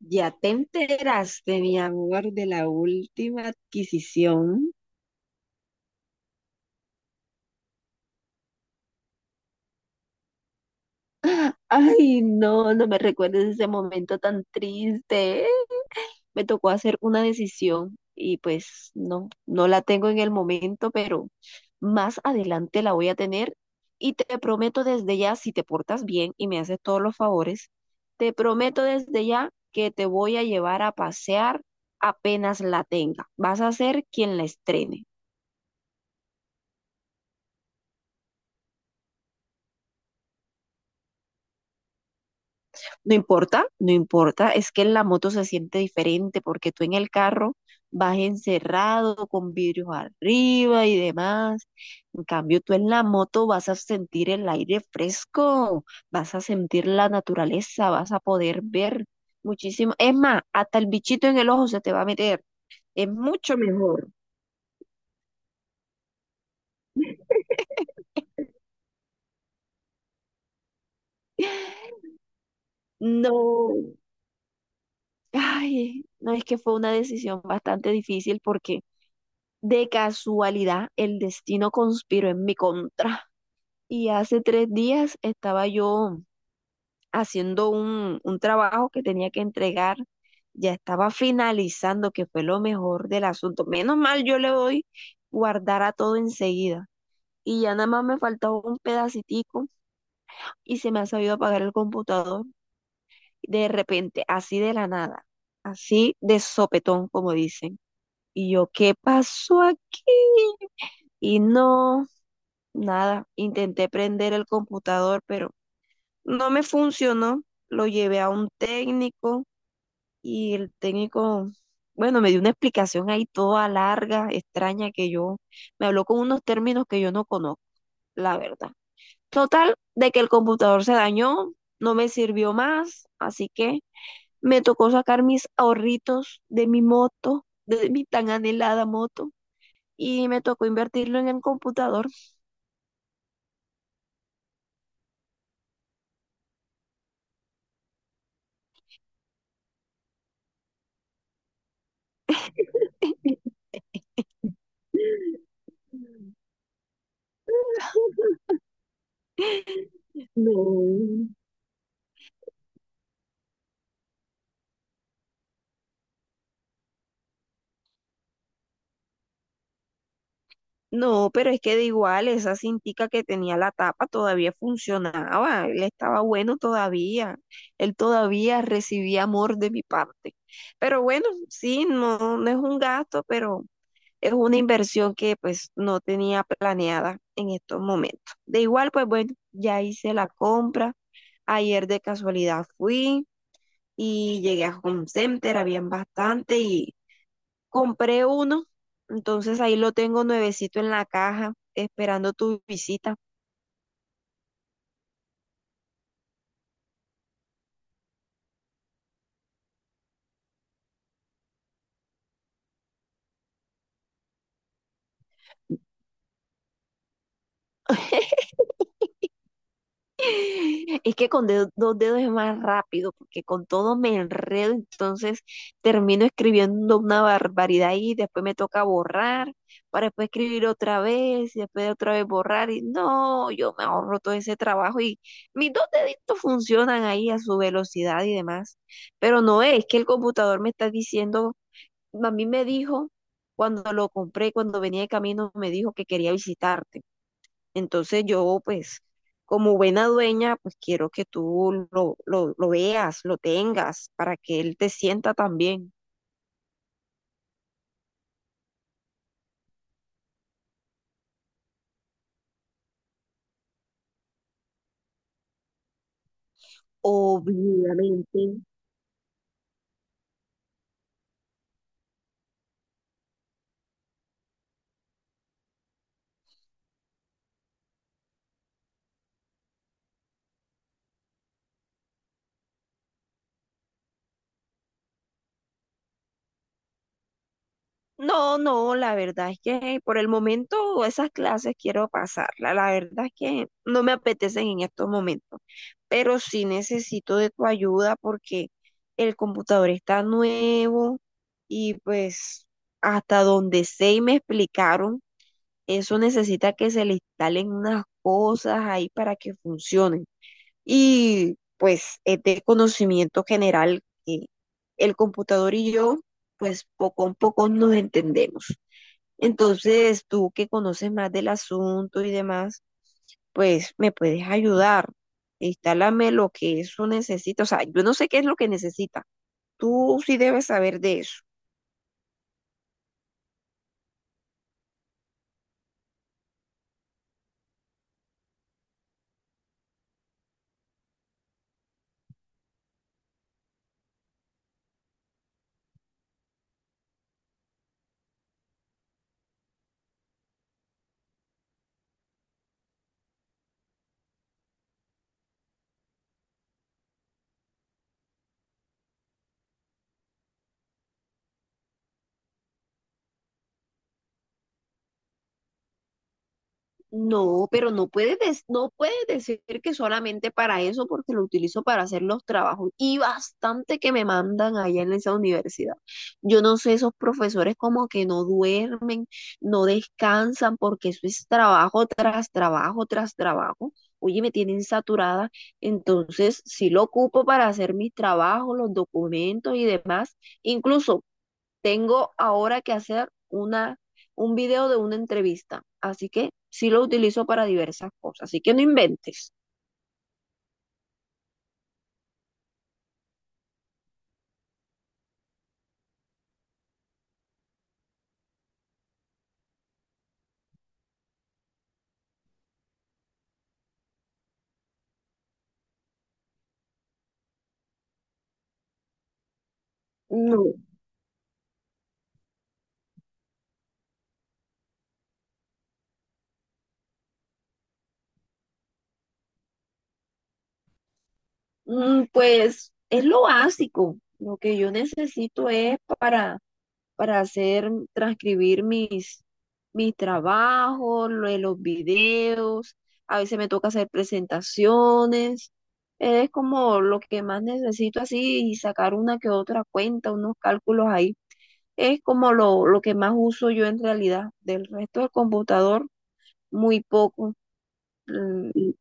Ya te enteraste, mi amor, de la última adquisición. Ay, no me recuerdes ese momento tan triste. Me tocó hacer una decisión y pues no la tengo en el momento, pero más adelante la voy a tener y te prometo desde ya, si te portas bien y me haces todos los favores, te prometo desde ya que te voy a llevar a pasear apenas la tenga. Vas a ser quien la estrene. No importa, no importa, es que en la moto se siente diferente porque tú en el carro vas encerrado con vidrios arriba y demás. En cambio, tú en la moto vas a sentir el aire fresco, vas a sentir la naturaleza, vas a poder ver muchísimo. Es más, hasta el bichito en el ojo se te va a meter. Es mucho mejor. No, ay, no, es que fue una decisión bastante difícil porque de casualidad, el destino conspiró en mi contra. Y hace 3 días estaba yo haciendo un trabajo que tenía que entregar. Ya estaba finalizando, que fue lo mejor del asunto. Menos mal, yo le doy guardar a todo enseguida. Y ya nada más me faltaba un pedacitico y se me ha sabido apagar el computador de repente, así de la nada, así de sopetón, como dicen. Y yo, ¿qué pasó aquí? Y no, nada, intenté prender el computador, pero no me funcionó. Lo llevé a un técnico y el técnico, bueno, me dio una explicación ahí toda larga, extraña, que yo me habló con unos términos que yo no conozco, la verdad. Total, de que el computador se dañó, no me sirvió más, así que me tocó sacar mis ahorritos de mi moto, de mi tan anhelada moto, y me tocó invertirlo en el computador. No. No, pero es que de igual, esa cintica que tenía la tapa todavía funcionaba, él estaba bueno todavía, él todavía recibía amor de mi parte. Pero bueno, sí, no, no es un gasto, pero es una inversión que pues no tenía planeada en estos momentos. De igual, pues bueno, ya hice la compra, ayer de casualidad fui y llegué a Home Center, habían bastante y compré uno, entonces ahí lo tengo nuevecito en la caja, esperando tu visita. Es que con dos dedos es más rápido, porque con todo me enredo, entonces termino escribiendo una barbaridad y después me toca borrar, para después escribir otra vez, y después otra vez borrar, y no, yo me ahorro todo ese trabajo y mis dos deditos funcionan ahí a su velocidad y demás. Pero no es que el computador me está diciendo a mí me dijo, cuando lo compré, cuando venía de camino, me dijo que quería visitarte. Entonces yo, pues, como buena dueña, pues quiero que tú lo veas, lo tengas, para que él te sienta también. Obviamente, no, no, la verdad es que por el momento esas clases quiero pasarla. La verdad es que no me apetecen en estos momentos, pero sí necesito de tu ayuda porque el computador está nuevo y pues hasta donde sé y me explicaron, eso necesita que se le instalen unas cosas ahí para que funcionen. Y pues es de conocimiento general que el computador y yo pues poco a poco nos entendemos. Entonces, tú que conoces más del asunto y demás, pues me puedes ayudar. Instálame lo que eso necesita. O sea, yo no sé qué es lo que necesita. Tú sí debes saber de eso. No, pero no puedes, no puedes decir que solamente para eso, porque lo utilizo para hacer los trabajos y bastante que me mandan allá en esa universidad. Yo no sé, esos profesores como que no duermen, no descansan, porque eso es trabajo tras trabajo tras trabajo. Oye, me tienen saturada, entonces sí lo ocupo para hacer mis trabajos, los documentos y demás. Incluso tengo ahora que hacer un video de una entrevista, así que sí lo utilizo para diversas cosas, así que no inventes. No. Pues es lo básico, lo que yo necesito es para hacer, transcribir mis trabajos, lo de los videos, a veces me toca hacer presentaciones, es como lo que más necesito así y sacar una que otra cuenta, unos cálculos ahí. Es como lo que más uso yo en realidad. Del resto del computador, muy poco. Mm, y-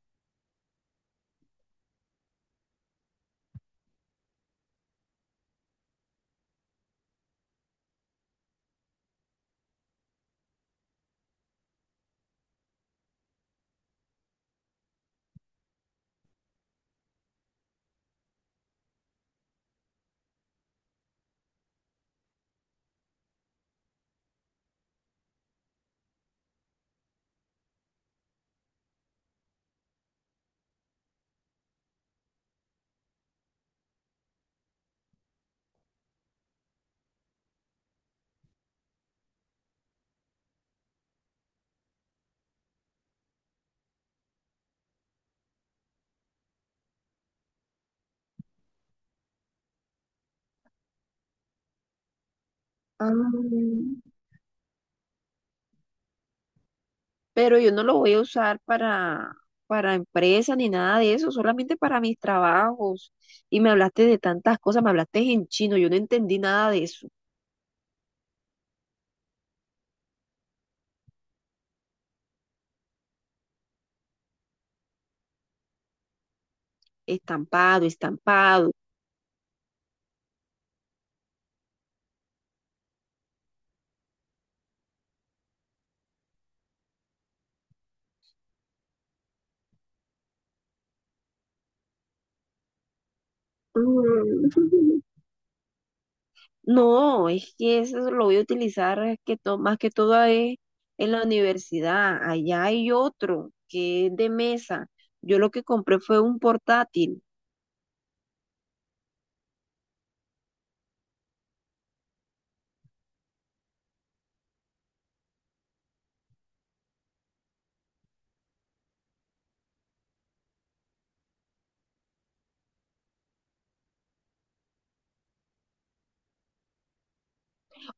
ah, pero yo no lo voy a usar para empresa ni nada de eso, solamente para mis trabajos. Y me hablaste de tantas cosas, me hablaste en chino, yo no entendí nada de eso. Estampado, estampado. Mm. No, es que eso lo voy a utilizar es que más que todo es en la universidad. Allá hay otro que es de mesa. Yo lo que compré fue un portátil.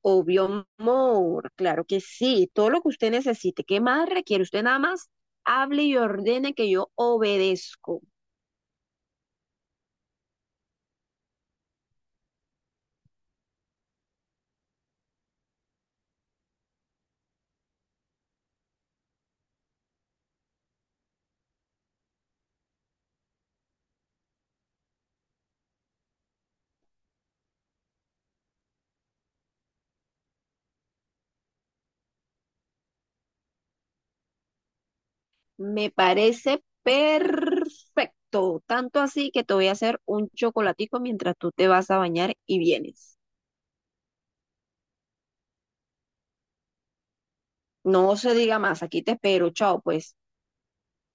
Obvio, amor, claro que sí. Todo lo que usted necesite. ¿Qué más requiere? Usted nada más hable y ordene que yo obedezco. Me parece perfecto. Tanto así que te voy a hacer un chocolatico mientras tú te vas a bañar y vienes. No se diga más. Aquí te espero. Chao, pues.